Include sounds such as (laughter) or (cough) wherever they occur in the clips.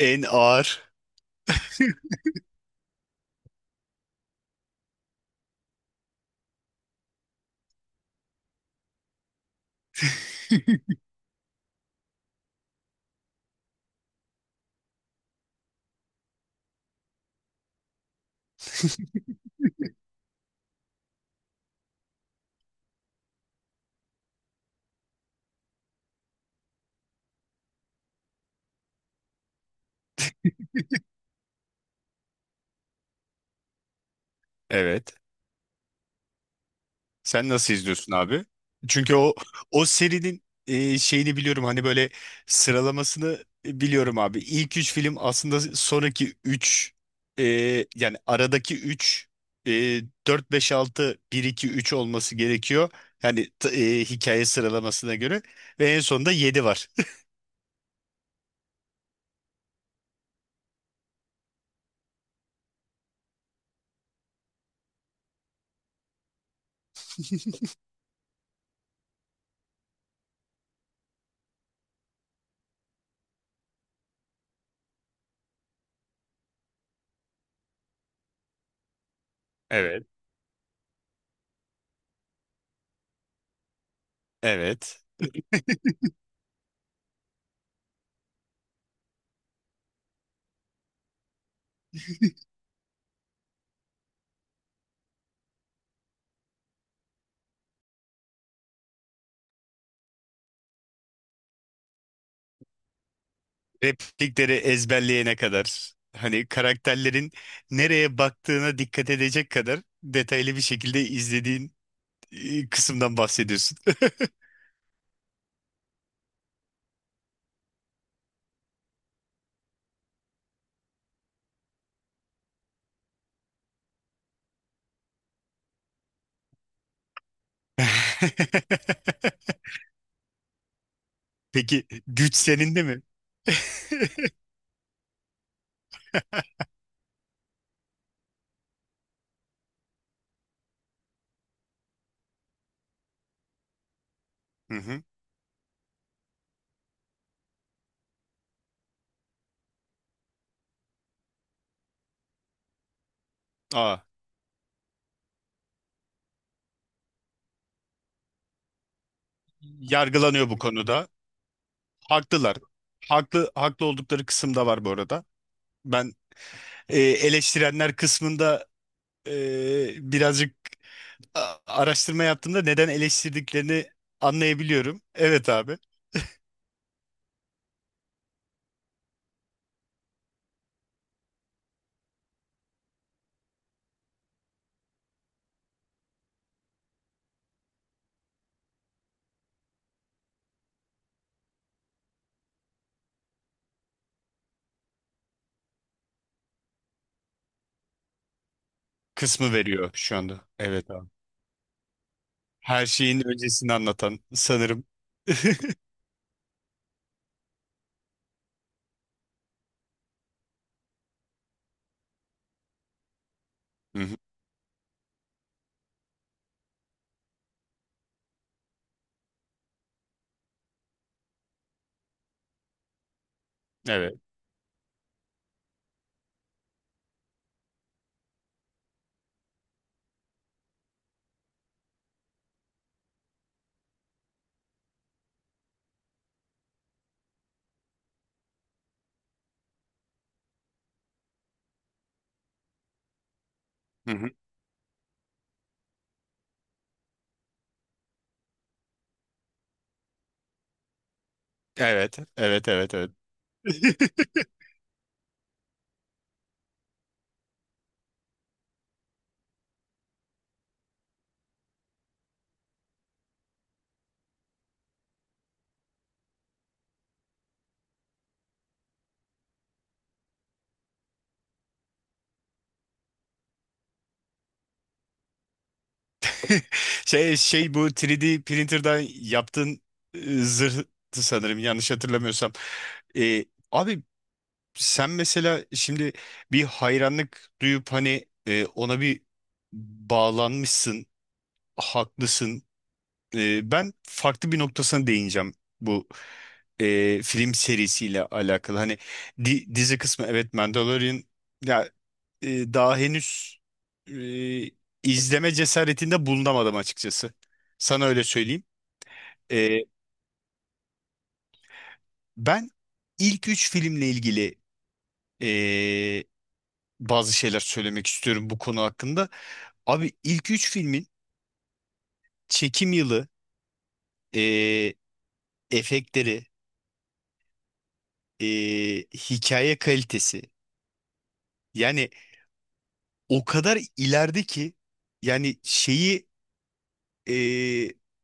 En ağır. Evet. Sen nasıl izliyorsun abi? Çünkü o serinin şeyini biliyorum hani böyle sıralamasını biliyorum abi. İlk üç film aslında sonraki üç e, yani aradaki üç e, 4, 5, 6, 1, 2, 3 olması gerekiyor. Yani hikaye sıralamasına göre. Ve en sonunda 7 var. (laughs) Evet. Evet. Replikleri ezberleyene kadar hani karakterlerin nereye baktığına dikkat edecek kadar detaylı bir şekilde izlediğin kısımdan bahsediyorsun. (laughs) Peki güç senin de mi? (laughs) Hı hı. Aa, yargılanıyor bu konuda. Haklılar. Haklı haklı oldukları kısım da var bu arada. Ben eleştirenler kısmında e, birazcık araştırma yaptığımda neden eleştirdiklerini anlayabiliyorum. Evet abi. Kısmı veriyor şu anda. Evet abi. Her şeyin öncesini anlatan sanırım. (laughs) Hı hı. Evet. Hı hı. Evet. Evet. Evet. Evet. (laughs) Şey, bu 3D printer'dan yaptığın zırhtı sanırım yanlış hatırlamıyorsam. E, Abi sen mesela şimdi bir hayranlık duyup hani ona bir bağlanmışsın, haklısın. Ben farklı bir noktasına değineceğim bu film serisiyle alakalı. Hani dizi kısmı evet Mandalorian ya daha henüz e, izleme cesaretinde bulunamadım açıkçası. Sana öyle söyleyeyim. Ee, Ben ilk üç filmle ilgili e, bazı şeyler söylemek istiyorum bu konu hakkında. Abi ilk üç filmin çekim yılı, e, efektleri, e, hikaye kalitesi. Yani o kadar ileride ki yani şeyi e,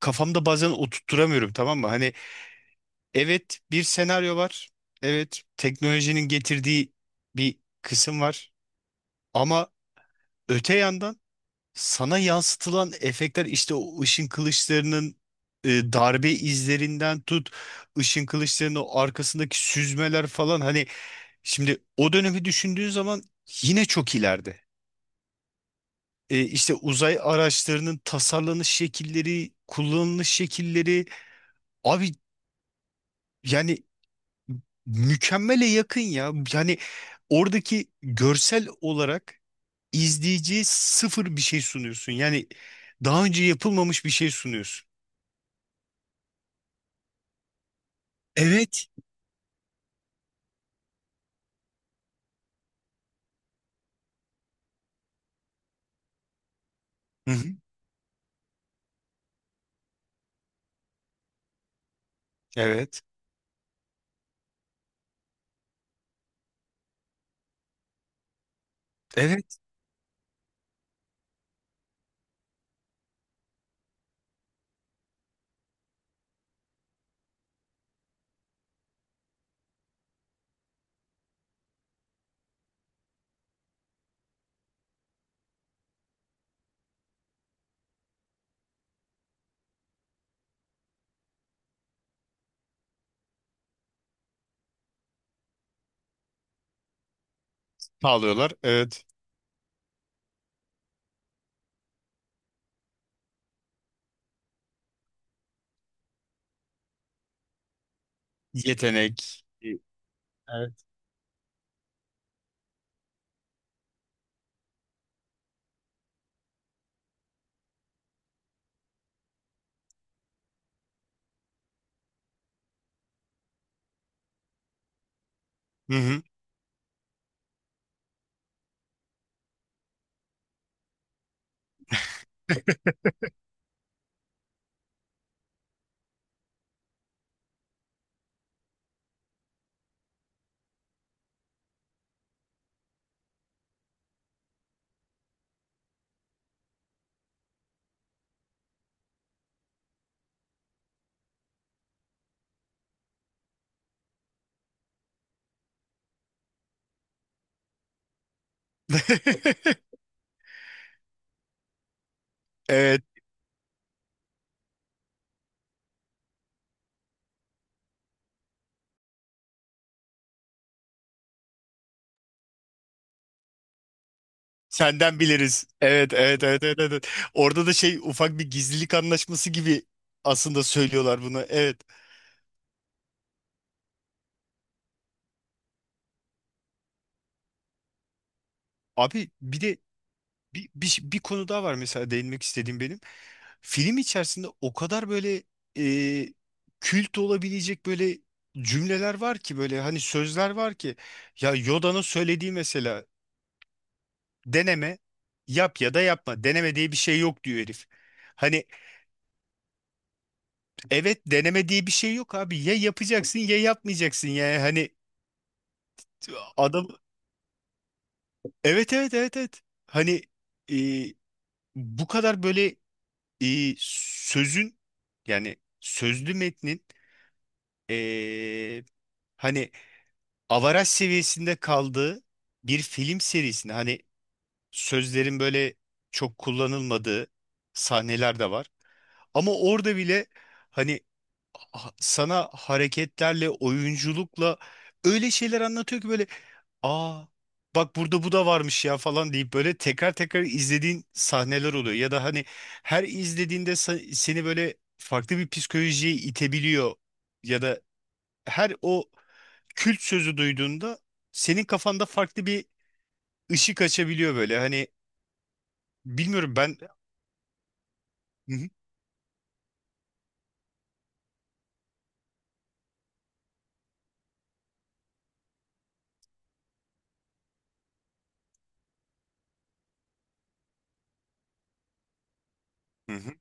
kafamda bazen oturtturamıyorum tamam mı? Hani evet bir senaryo var. Evet teknolojinin getirdiği bir kısım var. Ama öte yandan sana yansıtılan efektler işte o ışın kılıçlarının darbe izlerinden tut, ışın kılıçlarının o arkasındaki süzmeler falan, hani şimdi o dönemi düşündüğün zaman yine çok ileride. İşte uzay araçlarının tasarlanış şekilleri, kullanılış şekilleri, abi yani mükemmele yakın ya. Yani oradaki görsel olarak izleyiciye sıfır bir şey sunuyorsun. Yani daha önce yapılmamış bir şey sunuyorsun. Evet. Hı hı. Evet. Evet. Sağlıyorlar. Evet. Yetenek. Evet. Evet. Hı hı. (laughs) Evet. Senden biliriz. Evet, evet, evet, evet, evet. Orada da şey ufak bir gizlilik anlaşması gibi aslında söylüyorlar bunu. Evet. Abi bir de bir konu daha var mesela değinmek istediğim benim. Film içerisinde o kadar böyle e, kült olabilecek böyle cümleler var ki, böyle hani sözler var ki, ya Yoda'nın söylediği mesela, deneme yap ya da yapma. Deneme diye bir şey yok diyor herif. Hani evet, deneme diye bir şey yok abi. Ya yapacaksın ya yapmayacaksın yani hani. Adam evet evet evet evet. Hani e, bu kadar böyle e, sözün yani sözlü metnin e, hani avaraj seviyesinde kaldığı bir film serisinde, hani sözlerin böyle çok kullanılmadığı sahneler de var. Ama orada bile hani sana hareketlerle, oyunculukla öyle şeyler anlatıyor ki böyle, aa bak burada bu da varmış ya falan deyip böyle tekrar tekrar izlediğin sahneler oluyor. Ya da hani her izlediğinde seni böyle farklı bir psikolojiye itebiliyor. Ya da her o kült sözü duyduğunda senin kafanda farklı bir ışık açabiliyor böyle. Hani bilmiyorum ben... Hı hı. Hı hı.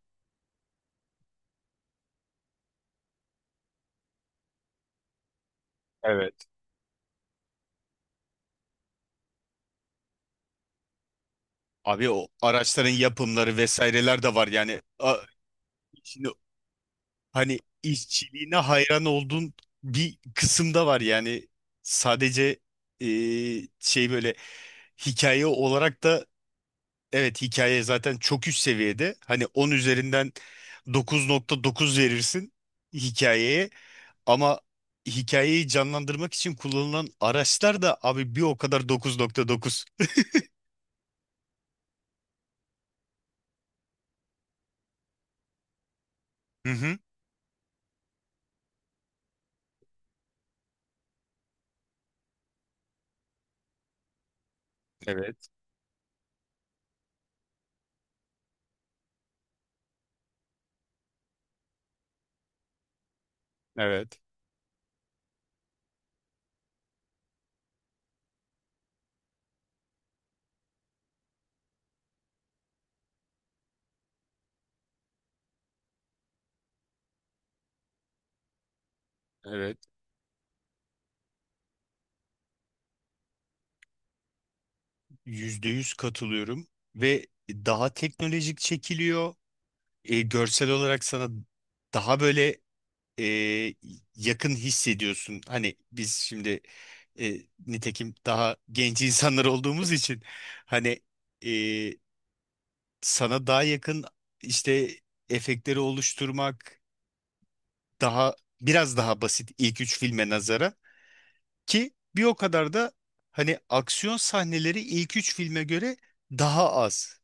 Evet. Abi o araçların yapımları vesaireler de var yani. Hani işçiliğine hayran olduğun bir kısımda var yani. Sadece e, şey böyle hikaye olarak da, evet, hikaye zaten çok üst seviyede, hani 10 üzerinden 9,9 verirsin hikayeye, ama hikayeyi canlandırmak için kullanılan araçlar da abi bir o kadar 9,9. Hı hı. Evet, evet, evet. %100 katılıyorum ve daha teknolojik çekiliyor. Görsel olarak sana daha böyle e, yakın hissediyorsun. Hani biz şimdi e, nitekim daha genç (laughs) insanlar olduğumuz için hani e, sana daha yakın işte efektleri oluşturmak daha biraz daha basit, ilk üç filme nazara ki bir o kadar da hani aksiyon sahneleri ilk üç filme göre daha az.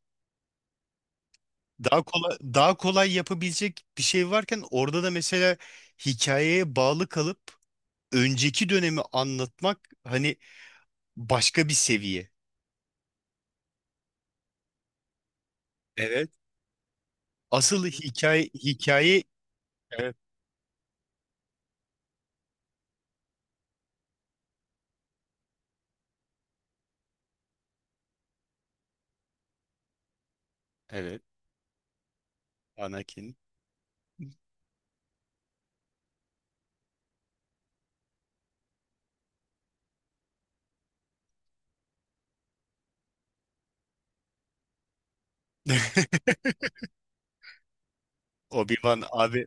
Daha kolay, daha kolay yapabilecek bir şey varken orada da mesela hikayeye bağlı kalıp önceki dönemi anlatmak hani başka bir seviye. Evet. Asıl hikaye hikaye. Evet. Evet. Anakin. (laughs) Obi-Wan abi,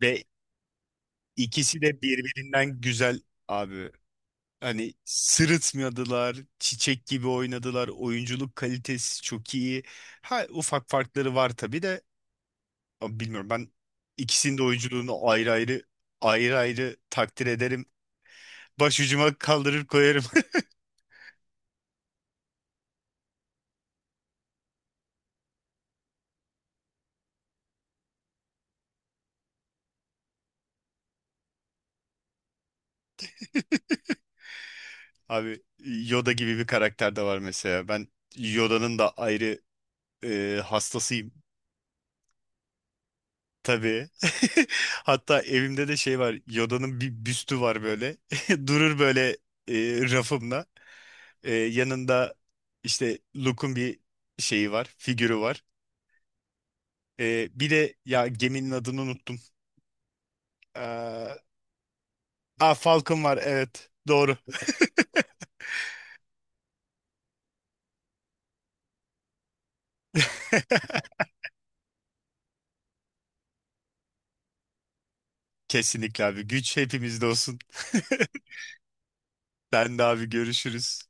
ve ikisi de birbirinden güzel abi. Hani sırıtmadılar, çiçek gibi oynadılar, oyunculuk kalitesi çok iyi. Ha, ufak farkları var tabii de. Ama bilmiyorum, ben ikisinin de oyunculuğunu ayrı ayrı ayrı ayrı takdir ederim. Başucuma kaldırır koyarım. (laughs) Abi Yoda gibi bir karakter de var mesela. Ben Yoda'nın da ayrı hastasıyım tabii. (laughs) Hatta evimde de şey var. Yoda'nın bir büstü var böyle. (laughs) Durur böyle rafımda. Yanında işte Luke'un bir şeyi var, figürü var. Bir de ya geminin adını unuttum. Ee, aa, Falcon var, evet. Doğru. Kesinlikle abi. Güç hepimizde olsun. (laughs) Ben de abi, görüşürüz.